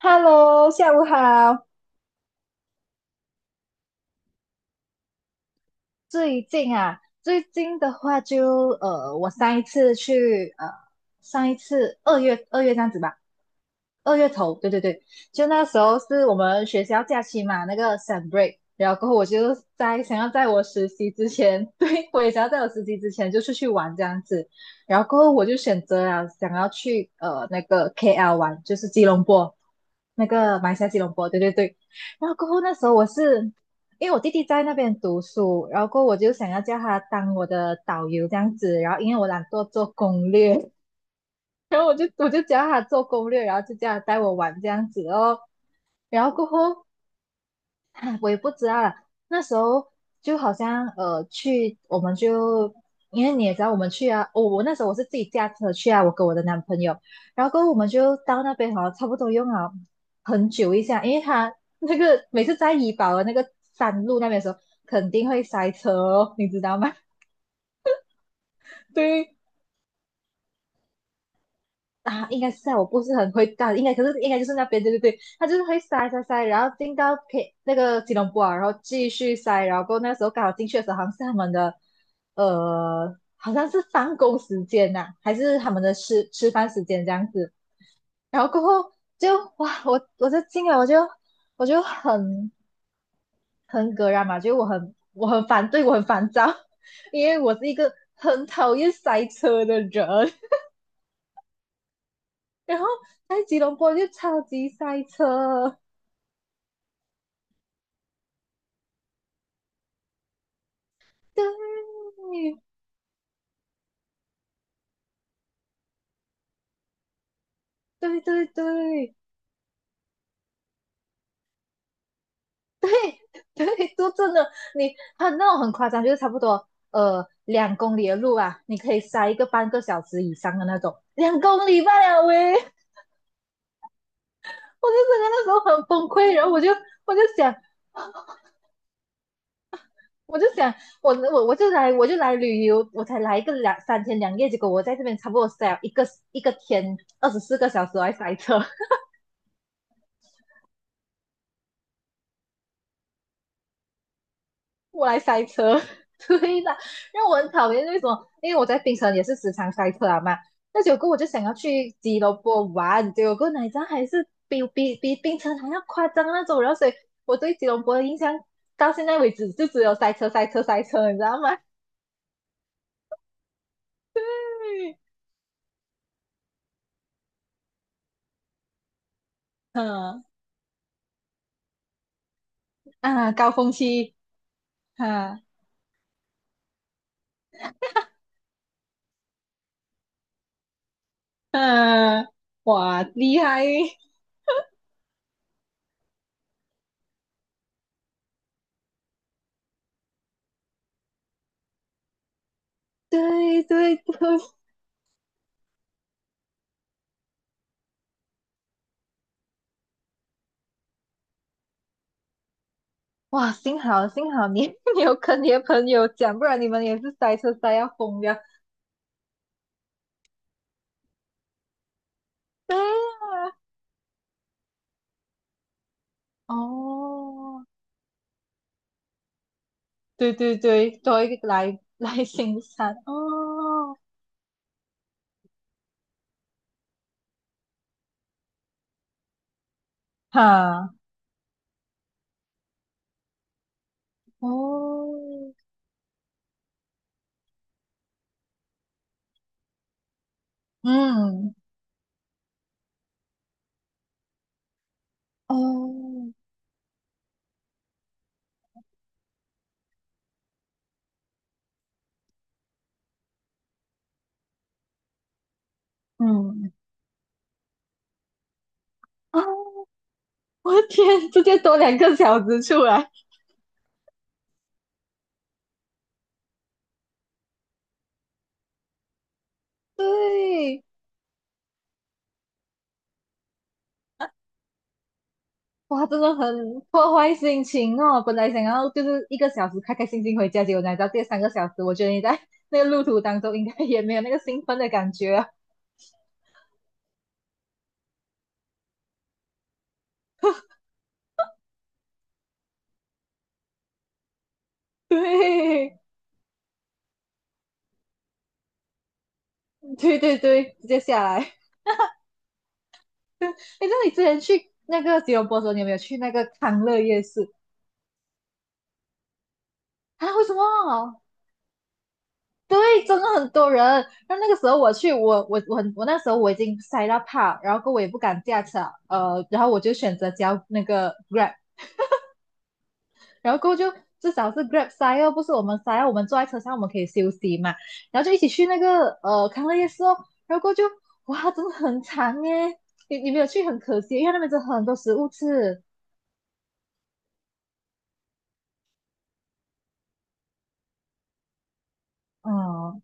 Hello，下午好。最近啊，最近的话就我上一次二月这样子吧，二月头，对对对，就那时候是我们学校假期嘛，那个 s u m break，然后过后我就在想要在我实习之前，对，我也想要在我实习之前就出去玩这样子，然后过后我就选择了想要去那个 KL 玩，就是吉隆坡。那个马来西亚吉隆坡，对对对。然后过后那时候我是因为我弟弟在那边读书，然后过后我就想要叫他当我的导游这样子，然后因为我懒惰做攻略，然后我就叫他做攻略，然后就叫他带我玩这样子哦。然后过后 啊我也不知道啦，那时候就好像去，我们就因为你也知道我们去啊，我那时候我是自己驾车去啊，我跟我的男朋友，然后过后我们就到那边哦，差不多用了很久一下，因为他那个每次在怡保的那个山路那边的时候，肯定会塞车哦，你知道吗？对，啊，应该是在我不是很会干，应该可是应该就是那边，对对对，他就是会塞塞塞，然后进到 那个吉隆坡啊，然后继续塞，然后过后那个时候刚好进去的时候，好像是他们的，好像是放工时间呐、还是他们的吃饭时间这样子，然后过后就哇，我就进来，我就很葛然嘛，就我很反对，我很烦躁，因为我是一个很讨厌塞车的人。然后在吉隆坡就超级塞车，对，对对对对，就真的你很那种很夸张，就是差不多两公里的路啊，你可以塞半个小时以上的那种，2公里半啊喂，我就整个那时候很崩溃，然后我就想。我就想，我就来旅游，我才来一个两三天两夜，结果我在这边差不多塞了一个天24个小时来塞车，我来塞车，对的，让我很讨厌。为什么？因为我在槟城也是时常塞车啊嘛。那结果我就想要去吉隆坡玩，结果哪吒还是比槟城还要夸张那种。然后所以我对吉隆坡的印象到现在为止就只有塞车、塞车、塞车，你知道吗？对，嗯啊，高峰期，啊嗯、啊哇，厉害！对对对，哇，幸好你 你有跟你的朋友讲，不然你们也是塞车塞要疯掉。对啊，哦，对对对，多一个来 来行山哦，哈，哦，嗯，哦，嗯，哦，我的天，直接多2个小时出来，对，哇，真的很破坏心情哦！本来想要就是一个小时开开心心回家，结果来到第3个小时，我觉得你在那个路途当中应该也没有那个兴奋的感觉啊 对对对对，直接下来。哎，那你之前去那个吉隆坡的时候，你有没有去那个康乐夜市啊？为什么？对，真的很多人。然后那个时候我去，我那时候已经塞到怕，然后我也不敢驾车，然后我就选择交那个 Grab。然后过后就至少是 Grab 塞哦，不是我们塞哦，我们坐在车上我们可以休息嘛，然后就一起去那个康乐夜市哦，然后过后就哇，真的很长耶，你没有去很可惜，因为那边真的很多食物吃，嗯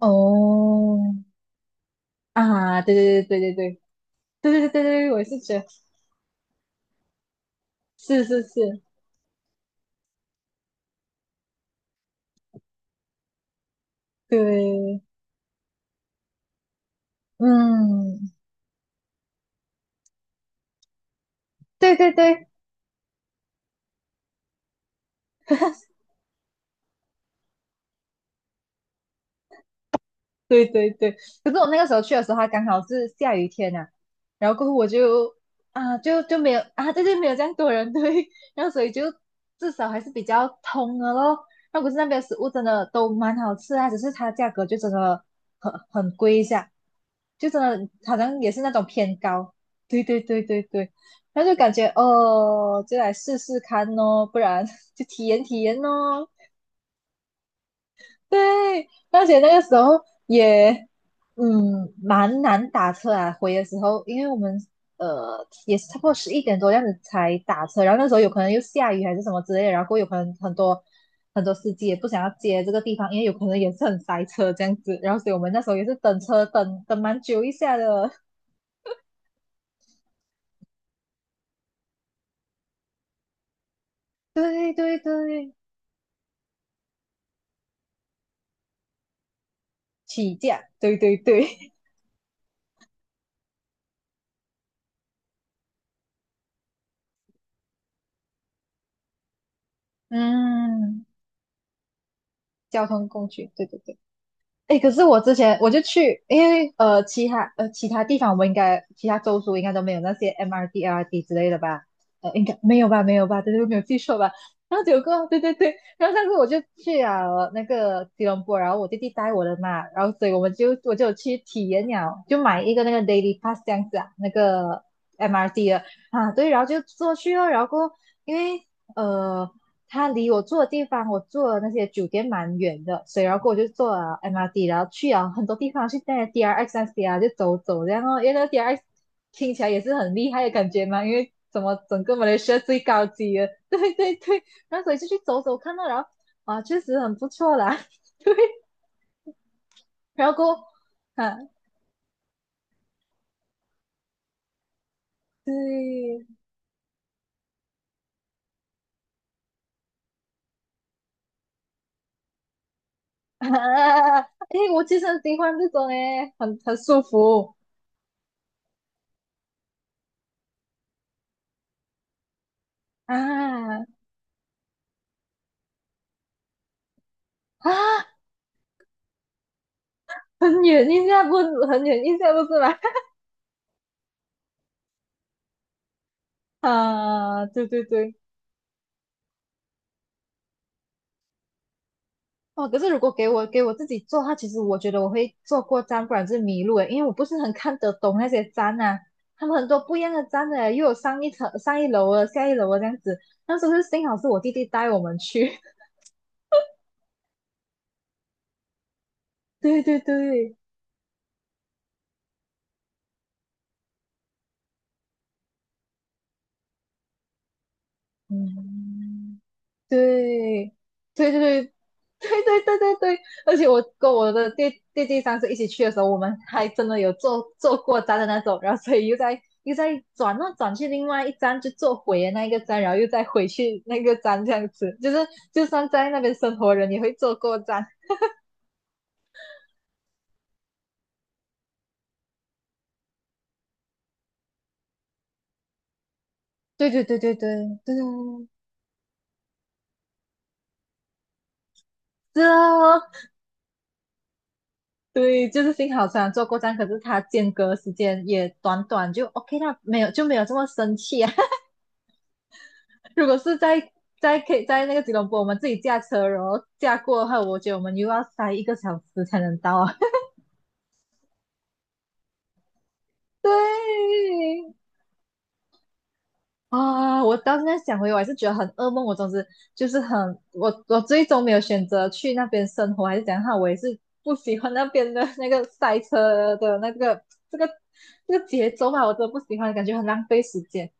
哦啊，对对对对对对对对对对，我也是觉得是是是，对，嗯，对对对，对对对，可是我那个时候去的时候，它刚好是下雨天呐、然后过后我就啊，就没有啊，对对，没有这样多人对，然后所以就至少还是比较通的咯。那可是那边的食物真的都蛮好吃啊，只是它价格就真的很贵一下，就真的好像也是那种偏高。对对对对对，然后就感觉哦，就来试试看哦，不然 就体验体验哦。对，而且那个时候也，蛮难打车啊。回的时候，因为我们也是差不多11点多这样子才打车，然后那时候有可能又下雨还是什么之类的然后有可能很多很多司机也不想要接这个地方，因为有可能也是很塞车这样子。然后所以我们那时候也是等车等蛮久一下的。对对对，起价，对对对，嗯，交通工具，对对对。哎，可是我之前我就去，因为其他其他地方我们应该其他州属应该都没有那些 MRT、RT 之类的吧？应该没有吧？没有吧？对对，没有记错吧？然后结果对对对，然后上次我就去了那个吉隆坡，然后我弟弟带我的嘛，然后所以我就有去体验了，就买一个那个 daily pass 这样子啊，那个 MRT 的啊，对，然后就坐去了，然后过后因为呃它离我住的地方，我住的那些酒店蛮远的，所以然后我就坐了 MRT，然后去了很多地方，去那些 DRX 那些啊，就走走这样哦。因为那个 DRX 听起来也是很厉害的感觉嘛，因为怎么整个马来西亚最高级的，对对对。然后所以就去走走看到，然后啊，确实很不错啦，对。然后过后啊，对啊，诶，我其实很喜欢这种哎，很舒服啊啊，很远一下不很远一下不是吗？啊，对对对，哦，可是如果给我自己做的话，其实我觉得我会做过站，不然就是迷路诶，因为我不是很看得懂那些站啊，他们很多不一样的站的，又有上一层、上一楼的、下一楼的这样子。那时候是幸好是我弟弟带我们去，对对对，嗯。对，对对对对对对对对，而且我跟我的弟弟上次一起去的时候，我们还真的有坐过站的那种，然后所以又在转那转去另外一站，就坐回的那一个站，然后又再回去那个站，这样子，就是就算在那边生活的人也会坐过站。对对对对对对啊，是哦，对，就是幸好虽然坐过站，可是它间隔时间也短短，就 OK 啦，没有就没有这么生气啊。如果是在在可以在那个吉隆坡，我们自己驾车，然后驾过的话，我觉得我们又要塞一个小时才能到啊。对啊，我当时在想回，我还是觉得很噩梦。我总之就是很，我最终没有选择去那边生活，还是怎样我也是不喜欢那边的那个塞车的那个这个这个节奏吧，我真的不喜欢，感觉很浪费时间。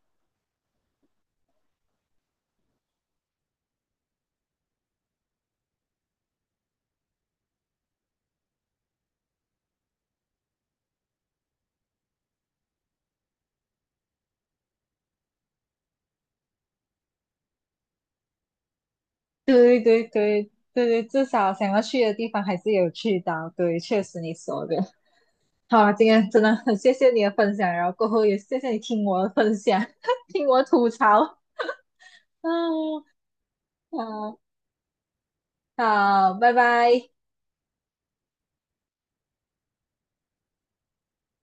对对对对对，至少想要去的地方还是有去到。对，确实你说的。好啊，今天真的很谢谢你的分享，然后过后也谢谢你听我的分享，听我吐槽。嗯，好，好，拜拜。